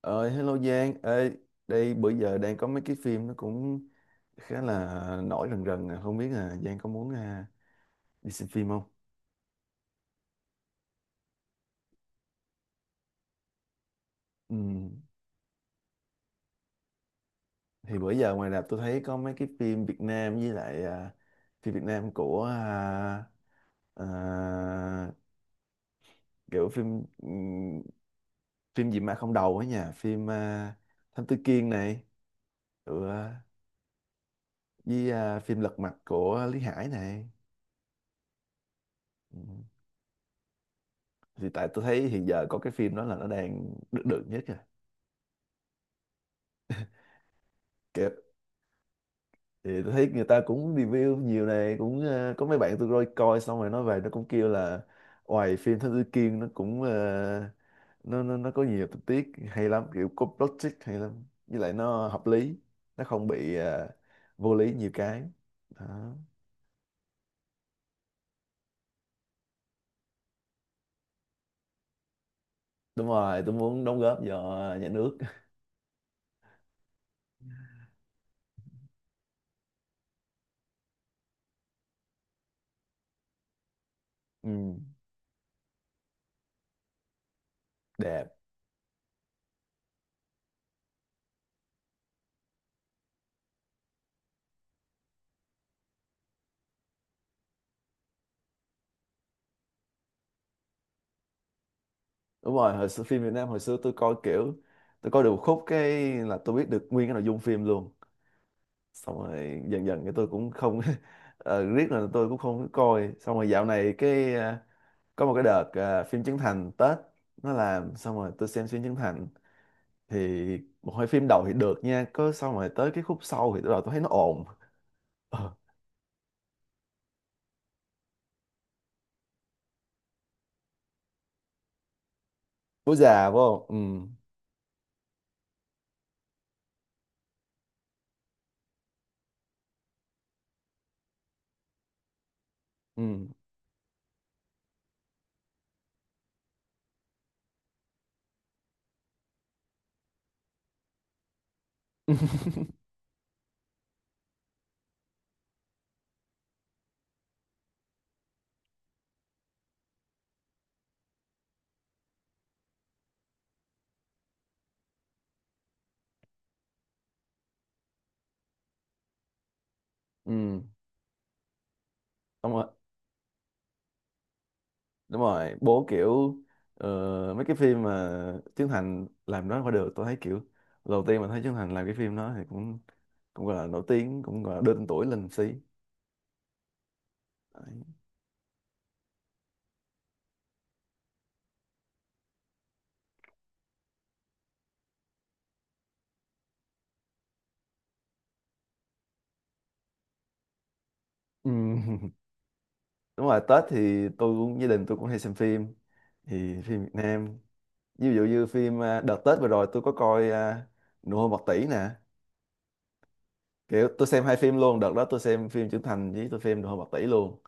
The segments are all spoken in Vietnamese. Ờ, Hello Giang. Ê, đây bữa giờ đang có mấy cái phim nó cũng khá là nổi rần rần. Không biết là Giang có muốn đi xem phim không? Ừ. Thì bữa giờ ngoài rạp tôi thấy có mấy cái phim Việt Nam với lại phim Việt Nam à, kiểu phim phim gì mà không đầu ấy nha, phim Thám Tử Kiên này, ừ, à, với phim Lật Mặt của Lý Hải này. Ừ. Thì tại tôi thấy hiện giờ có cái phim đó là nó đang được nhất rồi. Thì tôi thấy người ta cũng review nhiều này, cũng có mấy bạn tôi coi coi xong rồi nó về nó cũng kêu là ngoài phim Thám Tử Kiên, nó cũng nó có nhiều tình tiết hay lắm, kiểu có plot twist hay lắm, với lại nó hợp lý, nó không bị vô lý nhiều cái đó. Đúng rồi, tôi muốn đóng góp cho nhà nước. Ừ, đẹp. Đúng rồi, hồi xưa phim Việt Nam, hồi xưa tôi coi kiểu tôi coi được một khúc cái là tôi biết được nguyên cái nội dung phim luôn. Xong rồi dần dần cái tôi cũng không riết là tôi cũng không có coi. Xong rồi dạo này có một cái đợt phim Trấn Thành Tết nó làm, xong rồi tôi xem phim Trấn Thành thì một hai phim đầu thì được nha. Có xong rồi tới cái khúc sau thì bắt đầu tôi thấy nó ồn. Ờ, bố già phải không. Ừ. Ừ. Ừ. Xong rồi đúng rồi bố kiểu mấy cái phim mà Trấn Thành làm đó qua được, tôi thấy kiểu đầu tiên mà thấy Trấn Thành làm cái phim đó thì cũng cũng gọi là nổi tiếng, cũng gọi là đơn tuổi lên một xí. Đấy. Ừm. Đúng rồi, Tết thì tôi cũng, gia đình tôi cũng hay xem phim, thì phim Việt Nam ví dụ như phim đợt Tết vừa rồi tôi có coi Nụ hôn bạc tỷ nè. Kiểu tôi xem hai phim luôn, đợt đó tôi xem phim Trấn Thành với tôi xem Nụ hôn bạc tỷ luôn.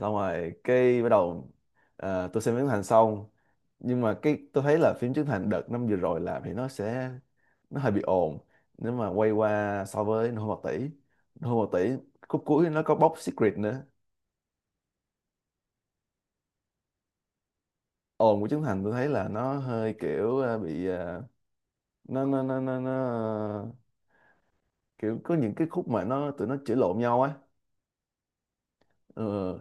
Xong rồi cái bắt đầu tôi xem phim Trấn Thành xong, nhưng mà cái tôi thấy là phim Trấn Thành đợt năm vừa rồi làm thì nó sẽ nó hơi bị ồn, nếu mà quay qua so với Nô Bộc Tỷ. Khúc cuối nó có bóc Secret nữa. Ồn của Trấn Thành tôi thấy là nó hơi kiểu ờ, bị ờ, nó ờ, kiểu có những cái khúc mà nó tụi nó chửi lộn nhau á. ừ,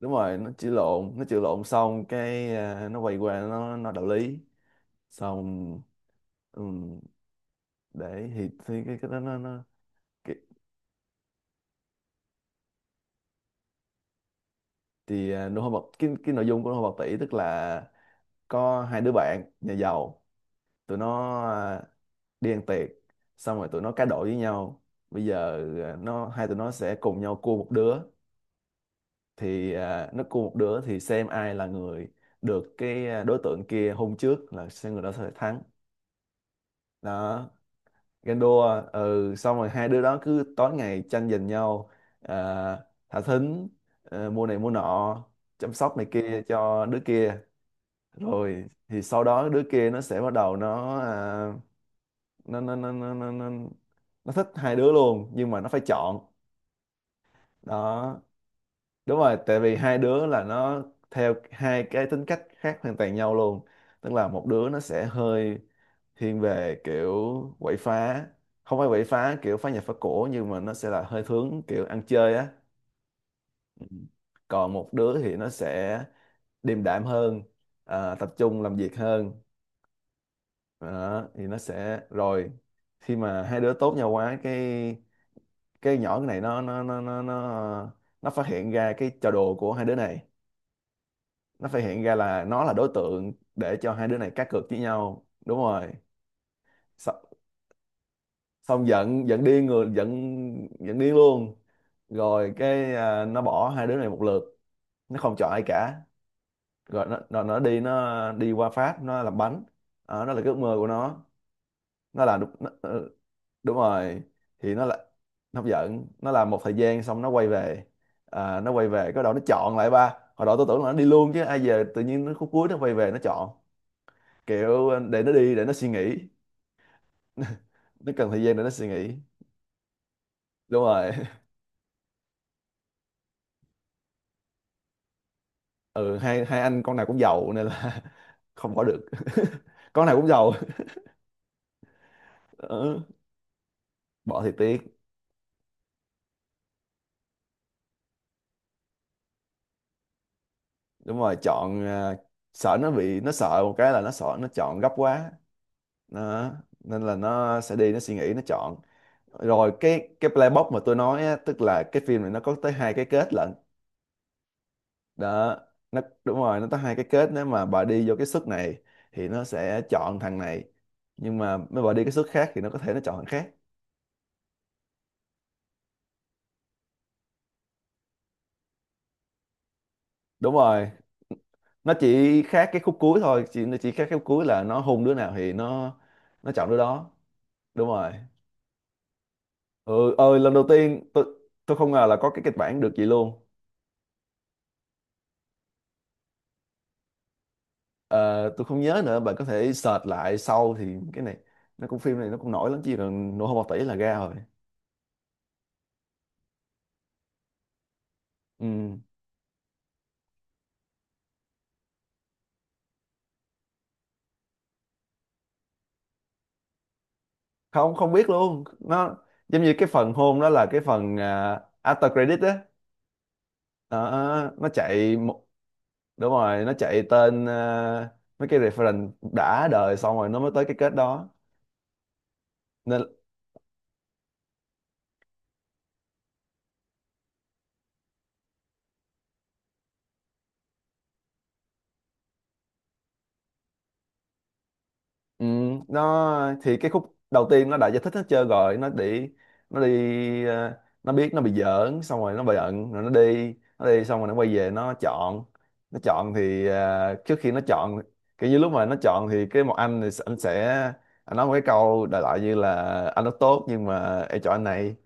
Đúng rồi, nó chửi lộn, nó chửi lộn xong cái nó quay qua nó đạo lý xong. Ừ, đấy thì cái đó nó cái, thì nụ hôn bạc cái nội dung của nụ hôn bạc tỷ tức là có hai đứa bạn nhà giàu, tụi nó đi ăn tiệc, xong rồi tụi nó cá độ với nhau. Bây giờ nó hai tụi nó sẽ cùng nhau cua một đứa, thì nó cua một đứa thì xem ai là người được cái đối tượng kia hôn trước là sẽ người đó sẽ thắng. Đó, ganh đua, ừ, xong rồi hai đứa đó cứ tối ngày tranh giành nhau thả thính, mua này mua nọ, chăm sóc này kia cho đứa kia. Rồi thì sau đó đứa kia nó sẽ bắt đầu nó à, nó, nó thích hai đứa luôn, nhưng mà nó phải chọn. Đó, đúng rồi, tại vì hai đứa là nó theo hai cái tính cách khác hoàn toàn nhau luôn. Tức là một đứa nó sẽ hơi thiên về kiểu quậy phá, không phải quậy phá kiểu phá nhà phá cổ, nhưng mà nó sẽ là hơi hướng kiểu ăn chơi á. Còn một đứa thì nó sẽ điềm đạm hơn, tập trung làm việc hơn. Đó, thì nó sẽ rồi khi mà hai đứa tốt nhau quá cái nhỏ cái này nó nó phát hiện ra cái trò đùa của hai đứa này, nó phát hiện ra là nó là đối tượng để cho hai đứa này cá cược với nhau. Đúng rồi, xong giận, giận điên người giận giận điên luôn. Rồi cái nó bỏ hai đứa này một lượt, nó không chọn ai cả. Rồi nó đi, nó đi qua Pháp nó làm bánh. Đó, đó là cái ước mơ của nó. Nó làm đúng, đúng rồi. Thì nó là nó giận, nó làm một thời gian xong nó quay về. Nó quay về cái đầu nó chọn lại. Ba hồi đó tôi tưởng là nó đi luôn chứ ai về, tự nhiên nó khúc cuối nó quay về nó chọn. Kiểu để nó đi để nó suy nghĩ. Nó cần thời gian để nó suy nghĩ. Đúng rồi. Ừ, hai hai anh con nào cũng giàu nên là không bỏ được. Con nào cũng giàu. Ừ. Bỏ thì tiếc. Đúng rồi, chọn sợ nó bị, nó sợ một cái là nó sợ nó chọn gấp quá nó, nên là nó sẽ đi nó suy nghĩ nó chọn. Rồi cái playbox mà tôi nói á, tức là cái phim này nó có tới hai cái kết lận. Đó, nó đúng rồi, nó tới hai cái kết. Nếu mà bà đi vô cái suất này thì nó sẽ chọn thằng này, nhưng mà nếu bà đi cái suất khác thì nó có thể nó chọn thằng khác. Đúng rồi, nó chỉ khác cái khúc cuối thôi, chỉ nó chỉ khác cái khúc cuối là nó hôn đứa nào thì nó chọn đứa đó. Đúng rồi. Ừ ơi, lần đầu tiên tôi không ngờ là có cái kịch bản được vậy luôn. Ờ, tôi không nhớ nữa, bạn có thể search lại sau thì cái này nó cũng, phim này nó cũng nổi lắm, chỉ là nổ hơn một tỷ là ra rồi. Ừ. Không, không biết luôn, nó giống như cái phần hôn đó là cái phần after credit á. Đó, nó chạy đúng rồi, nó chạy tên mấy cái reference đã đời xong rồi nó mới tới cái kết đó nên. Ừ, nó thì cái khúc đầu tiên nó đã giải thích hết trơn rồi. Nó đi, nó đi nó biết nó bị giỡn xong rồi nó bị giận, rồi nó đi, nó đi xong rồi nó quay về nó chọn. Nó chọn thì trước khi nó chọn, kiểu như lúc mà nó chọn thì cái một anh thì anh sẽ, anh nói một cái câu đại loại như là anh rất tốt nhưng mà em chọn anh này.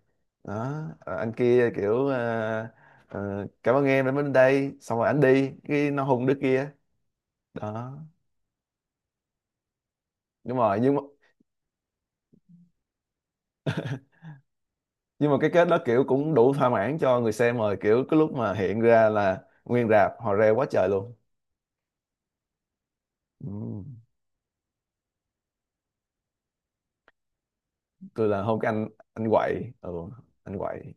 Đó, anh kia kiểu cảm ơn em đã đến đây, xong rồi anh đi cái nó hùng đứa kia. Đó, đúng rồi nhưng mà, nhưng mà cái kết đó kiểu cũng đủ thỏa mãn cho người xem rồi, kiểu cái lúc mà hiện ra là nguyên rạp họ reo quá trời luôn. Ừ. Tôi là không, cái anh quậy. Ừ, anh quậy.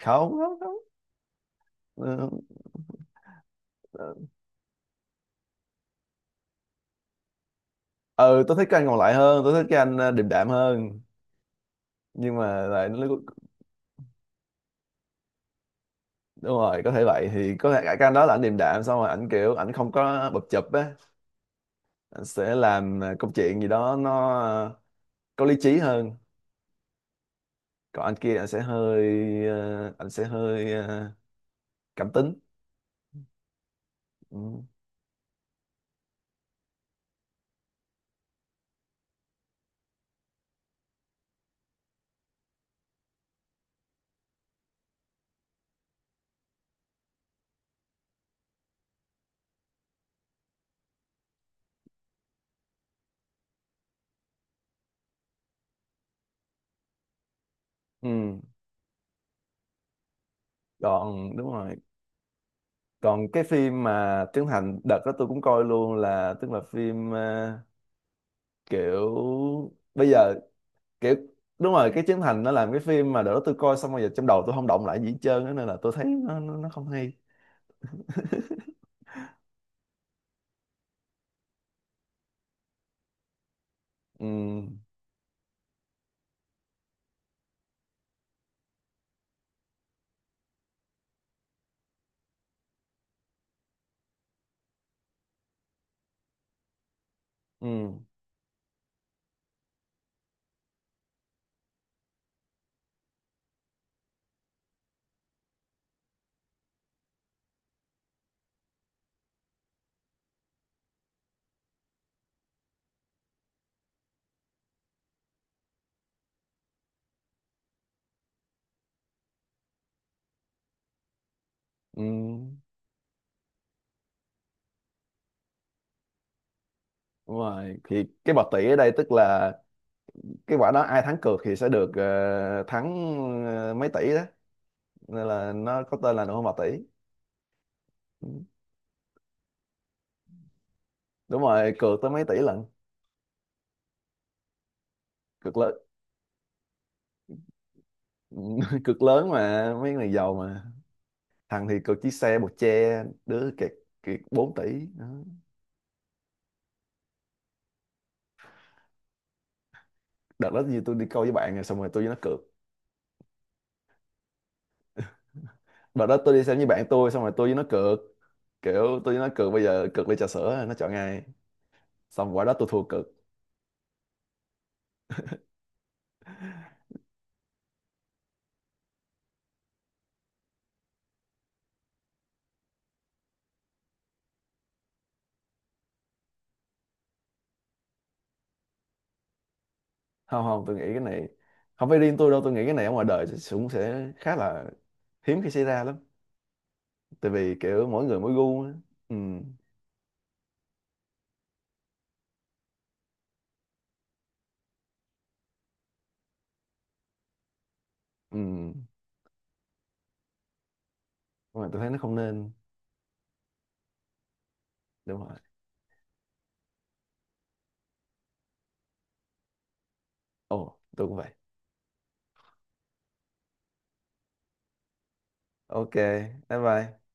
Không, không, không. Ừ. Ờ. Ừ, tôi thích cái anh còn lại hơn, tôi thích cái anh điềm đạm hơn. Nhưng mà lại nó- đúng rồi, có thể vậy, thì có thể cái anh đó là anh điềm đạm, xong rồi ảnh kiểu ảnh không có bập chụp á, anh sẽ làm công chuyện gì đó có lý trí hơn. Còn anh kia anh sẽ hơi cảm tính. Ừ. Ừ, còn đúng rồi. Còn cái phim mà Trấn Thành đợt đó tôi cũng coi luôn là tức là phim kiểu bây giờ kiểu đúng rồi, cái Trấn Thành nó làm cái phim mà đợt đó tôi coi xong rồi giờ trong đầu tôi không động lại gì hết trơn á, nên là tôi thấy nó không hay. Ừ, ừ, ừ. Đúng rồi. Thì cái bạc tỷ ở đây tức là cái quả đó ai thắng cược thì sẽ được thắng mấy tỷ đó. Nên là nó có tên là nụ hôn bạc tỷ. Ừ. Đúng rồi, cược tới mấy tỷ lần. Cực lớn. Cực lớn, mà mấy người giàu mà, thằng thì cực chiếc xe bột che đứa kẹt, kẹt 4 tỷ. Đó. Đợt đó như tôi đi câu với bạn rồi xong rồi tôi với nó cược, đợt đó tôi đi xem với bạn tôi xong rồi tôi với nó cược, kiểu tôi với nó cược bây giờ cược ly trà sữa nó chọn ngay. Xong quả đó tôi thua cực. Không, không, tôi nghĩ cái này không phải riêng tôi đâu, tôi nghĩ cái này ở ngoài đời cũng sẽ khá là hiếm khi xảy ra lắm, tại vì kiểu mỗi người mỗi gu á. Ừ. Ừ. Nhưng mà tôi thấy nó không nên. Đúng rồi. Ồ, tôi cũng vậy. OK, bye bye.